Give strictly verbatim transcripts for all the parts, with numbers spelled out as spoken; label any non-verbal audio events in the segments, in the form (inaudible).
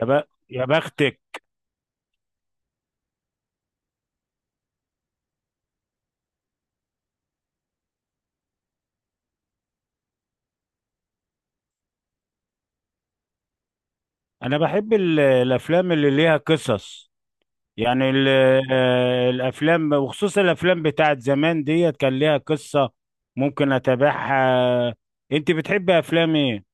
يا ب... يا بختك. انا بحب ال- الافلام اللي ليها قصص. يعني ال... آه، الافلام وخصوصا الافلام بتاعت زمان ديت كان ليها قصة، ممكن اتابعها. انت بتحبي افلام ايه؟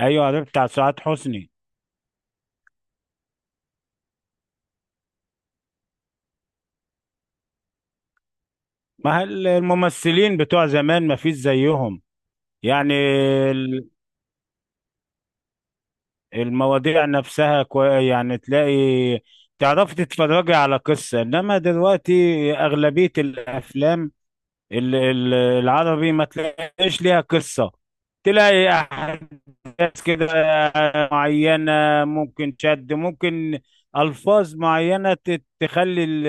ايوه، ده بتاع سعاد حسني. ما هل- الممثلين بتوع زمان ما فيش زيهم. يعني ال- المواضيع نفسها كوي... يعني تلاقي، تعرفي تتفرجي على قصة. انما دلوقتي اغلبية الافلام ال- ال- العربي ما تلاقيش ليها قصة. تلاقي أحداث كده معينة، ممكن شد ممكن ألفاظ معينة ت- تخلي ال-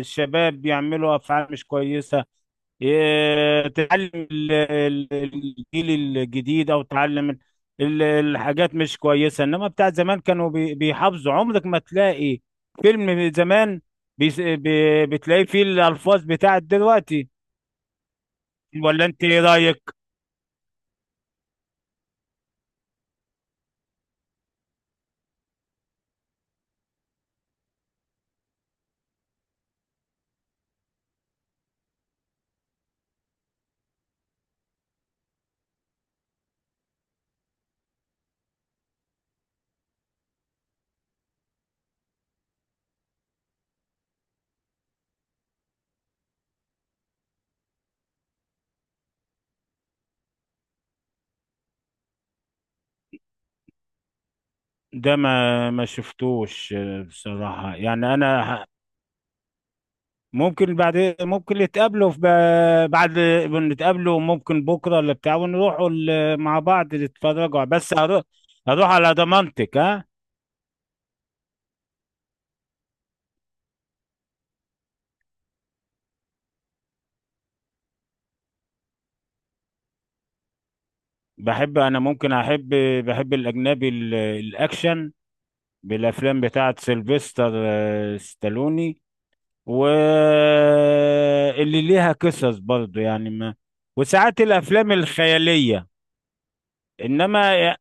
الشباب يعملوا أفعال مش كويسة، ي- تعلم ال- ال- الجيل الجديد، أو تعلم ال- ال- الحاجات مش كويسة. إنما بتاع زمان كانوا بي- بيحافظوا، عمرك ما تلاقي فيلم زمان بيس- بي- بتلاقيه فيه الألفاظ بتاعت دلوقتي، ولا انت ايه رايك؟ ده ما ما شفتوش. آه، بصراحه، يعني انا ه- ممكن بعد ممكن نتقابلوا في ب- بعد، نتقابلوا ممكن بكره ولا بتاع، ونروحوا ال- مع بعض نتفرجوا. بس هروح، هروح على ضمانتك ها. بحب انا ممكن احب بحب الاجنبي، ال- الاكشن، بالافلام بتاعه سيلفستر آه، ستالوني، واللي ليها قصص برضو، يعني ما. وساعات الافلام الخياليه، انما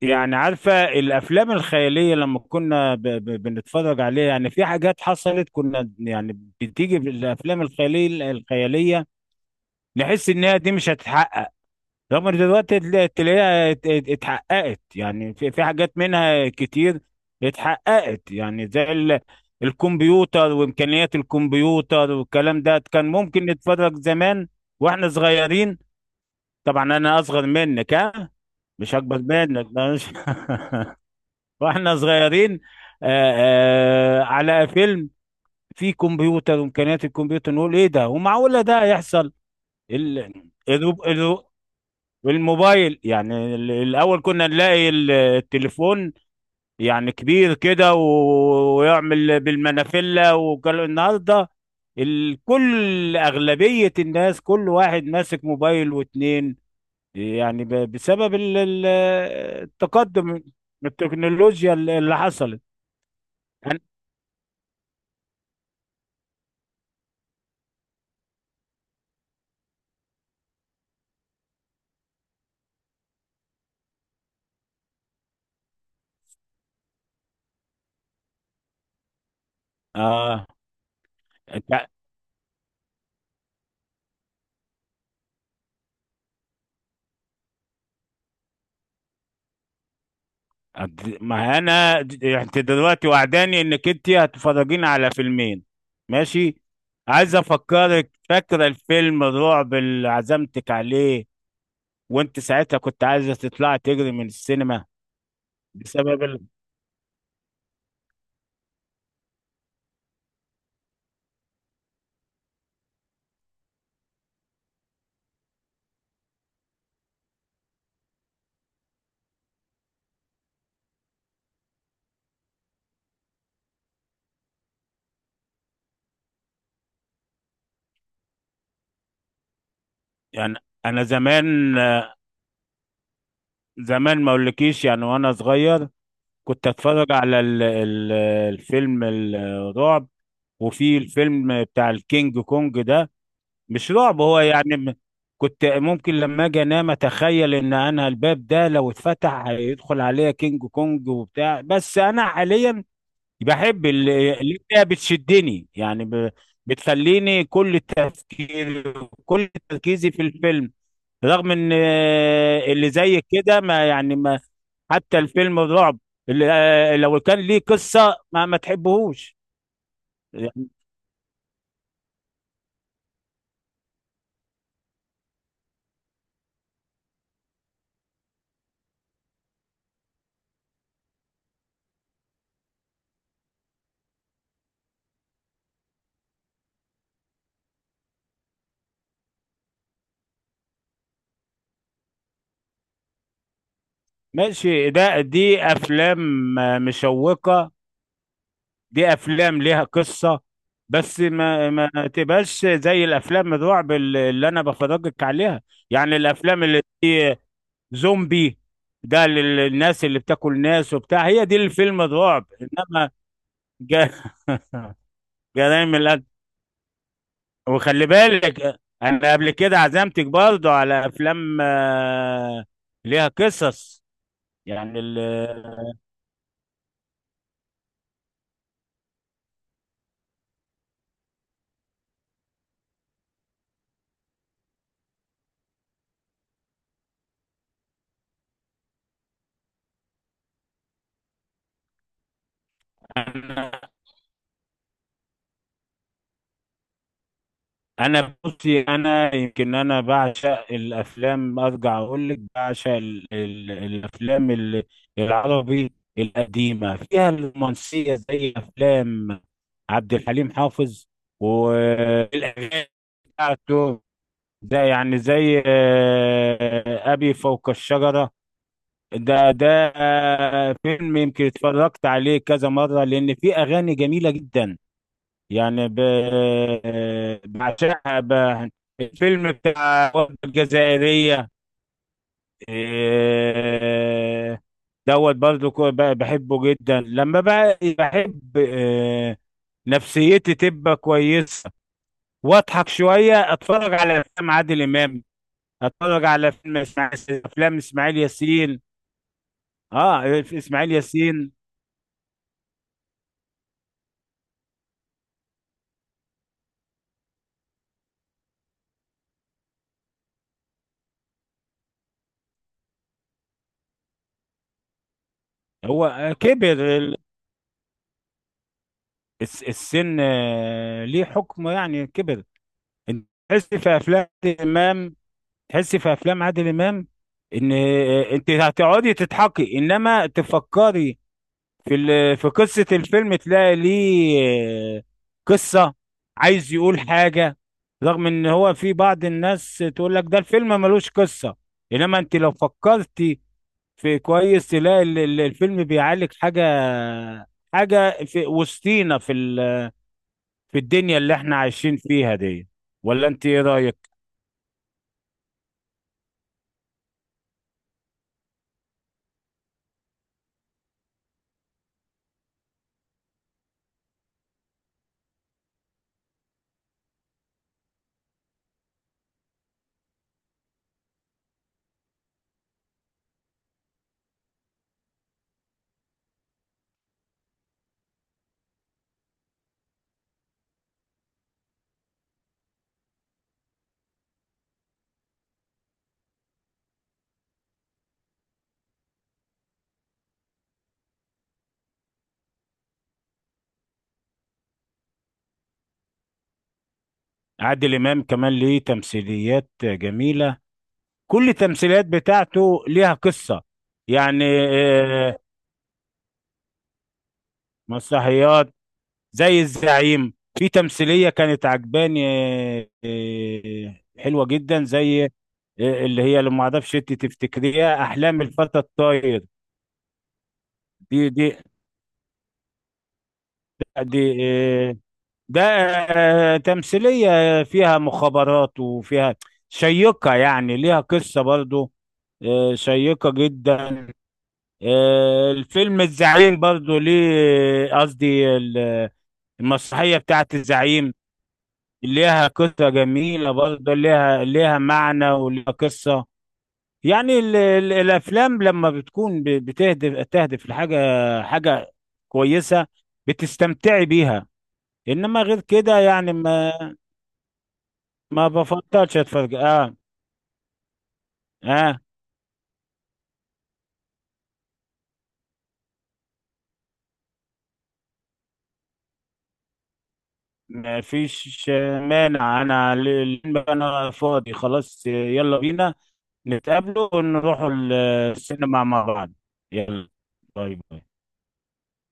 يعني عارفة الأفلام الخيالية. لما كنا ب... ب... بنتفرج عليها، يعني في حاجات حصلت. كنا يعني بتيجي في الأفلام الخيالية الخيالية نحس إنها دي مش هتتحقق. رغم إن دلوقتي تلا- تلاقيها ات- ات- اتحققت. يعني في في حاجات منها كتير اتحققت. يعني زي ال... الكمبيوتر وإمكانيات الكمبيوتر والكلام ده، كان ممكن نتفرج زمان وإحنا صغيرين. طبعا أنا أصغر منك ها، مش أكبر منك. (laughs) واحنا صغيرين آآ آآ على فيلم فيه كمبيوتر وامكانيات الكمبيوتر، نقول ايه ده ومعقوله ده يحصل؟ ال... ال... ال... الموبايل. يعني ال- الاول كنا نلاقي ال- التليفون، يعني كبير كده، و- ويعمل بالمنافله. وكل النهارده ال- كل اغلبيه الناس، كل واحد ماسك موبايل واتنين، يعني ب- بسبب ال- ال- التقدم، التكنولوجيا اللي حصلت. اه. انت أنت- ما انا د- انت دلوقتي وعداني انك انت هتفرجيني على فيلمين، ماشي؟ عايز افكرك، فاكره الفيلم الرعب اللي عزمتك عليه، وانت ساعتها كنت عايزه تطلعي تجري من السينما؟ بسبب ال... يعني انا زمان، آه، زمان ما اقولكيش، يعني وانا صغير كنت اتفرج على ال... ال... الفيلم الرعب. وفي الفيلم بتاع الكينج كونج ده، مش رعب هو يعني م- كنت ممكن لما اجي انام اتخيل ان انا الباب ده لو اتفتح هيدخل عليا كينج كونج وبتاع. بس انا حاليا بحب ال- اللي هي بتشدني، يعني ب- بتخليني كل تفكير، كل تركيزي في الفيلم. رغم ان آه، اللي زي كده ما يعني ما حتى الفيلم الرعب اللي آه، لو كان ليه قصة ما ما تحبهوش، يعني. ماشي، ده دي افلام آه، مشوقة، دي افلام ليها قصة. بس ما ما تبقاش زي الافلام الرعب اللي اللي انا بفرجك عليها، يعني الافلام اللي دي، زومبي، ده لل- للناس اللي بتاكل ناس وبتاع. هي دي الفيلم الرعب، انما ج- (laughs) جرائم القتل. وخلي بالك، انا قبل كده عزمتك برضو على افلام آه، ليها قصص، يعني ال- انا بصي، انا يمكن انا بعشق الافلام. ارجع اقول لك بعشق ال ال الافلام ال- العربي القديمه فيها الرومانسيه، زي افلام عبد الحليم حافظ والاغاني بتاعته. ده يعني زي آه، ابي فوق الشجره، ده ده آه، فيلم يمكن اتفرجت عليه كذا مره لان فيه اغاني جميله جدا. يعني ب... بعشقها. ب... الفيلم بتاع الوردة الجزائرية، إيه، دوت برضو، كو- ب- بحبه جدا. لما بقى بحب، إيه، نفسيتي تبقى كويسة واضحك شوية، اتفرج على افلام عادل امام، اتفرج على فيلم اسماعيل، افلام اسماعيل ياسين. اه، اسماعيل ياسين. هو كبر ال- الس- السن، آه، ليه حكم، يعني كبر. انت تحس في افلام عادل امام، تحس في افلام عادل امام ان آه، انت هتقعدي تضحكي انما تفكري في ال- في قصه الفيلم، تلاقي ليه آه، قصه، عايز يقول حاجه. رغم ان هو في بعض الناس تقول لك ده الفيلم ملوش قصه، انما انت لو فكرتي في كويس تلاقي ال- ال- الفيلم بيعالج حاجه، حاجه في وسطينا، في ال- في الدنيا اللي احنا عايشين فيها دي، ولا انت ايه رايك؟ عادل إمام كمان ليه تمثيليات جميلة، كل التمثيليات بتاعته ليها قصة، يعني. آه، مسرحيات زي الزعيم، في تمثيلية كانت عجباني، آه، آه، حلوة جدا. زي آه، اللي هي، لما اعرفش انت تفتكريها أحلام الفتى الطاير. دي دي دي آه، ده آه، تمثيلية فيها مخابرات وفيها شيقة، يعني ليها قصة برضو، آه، شيقة جدا. آه، الفيلم الزعيم برضو ليه، قصدي ال- المسرحية بتاعت الزعيم ليها قصة جميلة برضو، ليها ليها معنى وليها قصة. يعني ال ال الأفلام لما بتكون ب- بتهدف، تهدف لحاجة، حاجة كويسة، بتستمتعي بيها. إنما غير كده، يعني ما، ما بفضلش أتفرج. آه. آه. ما فيش مانع، أنا ال- ال- أنا فاضي خلاص، يلا بينا نتقابلوا ونروحوا السينما مع بعض. يلا. باي باي.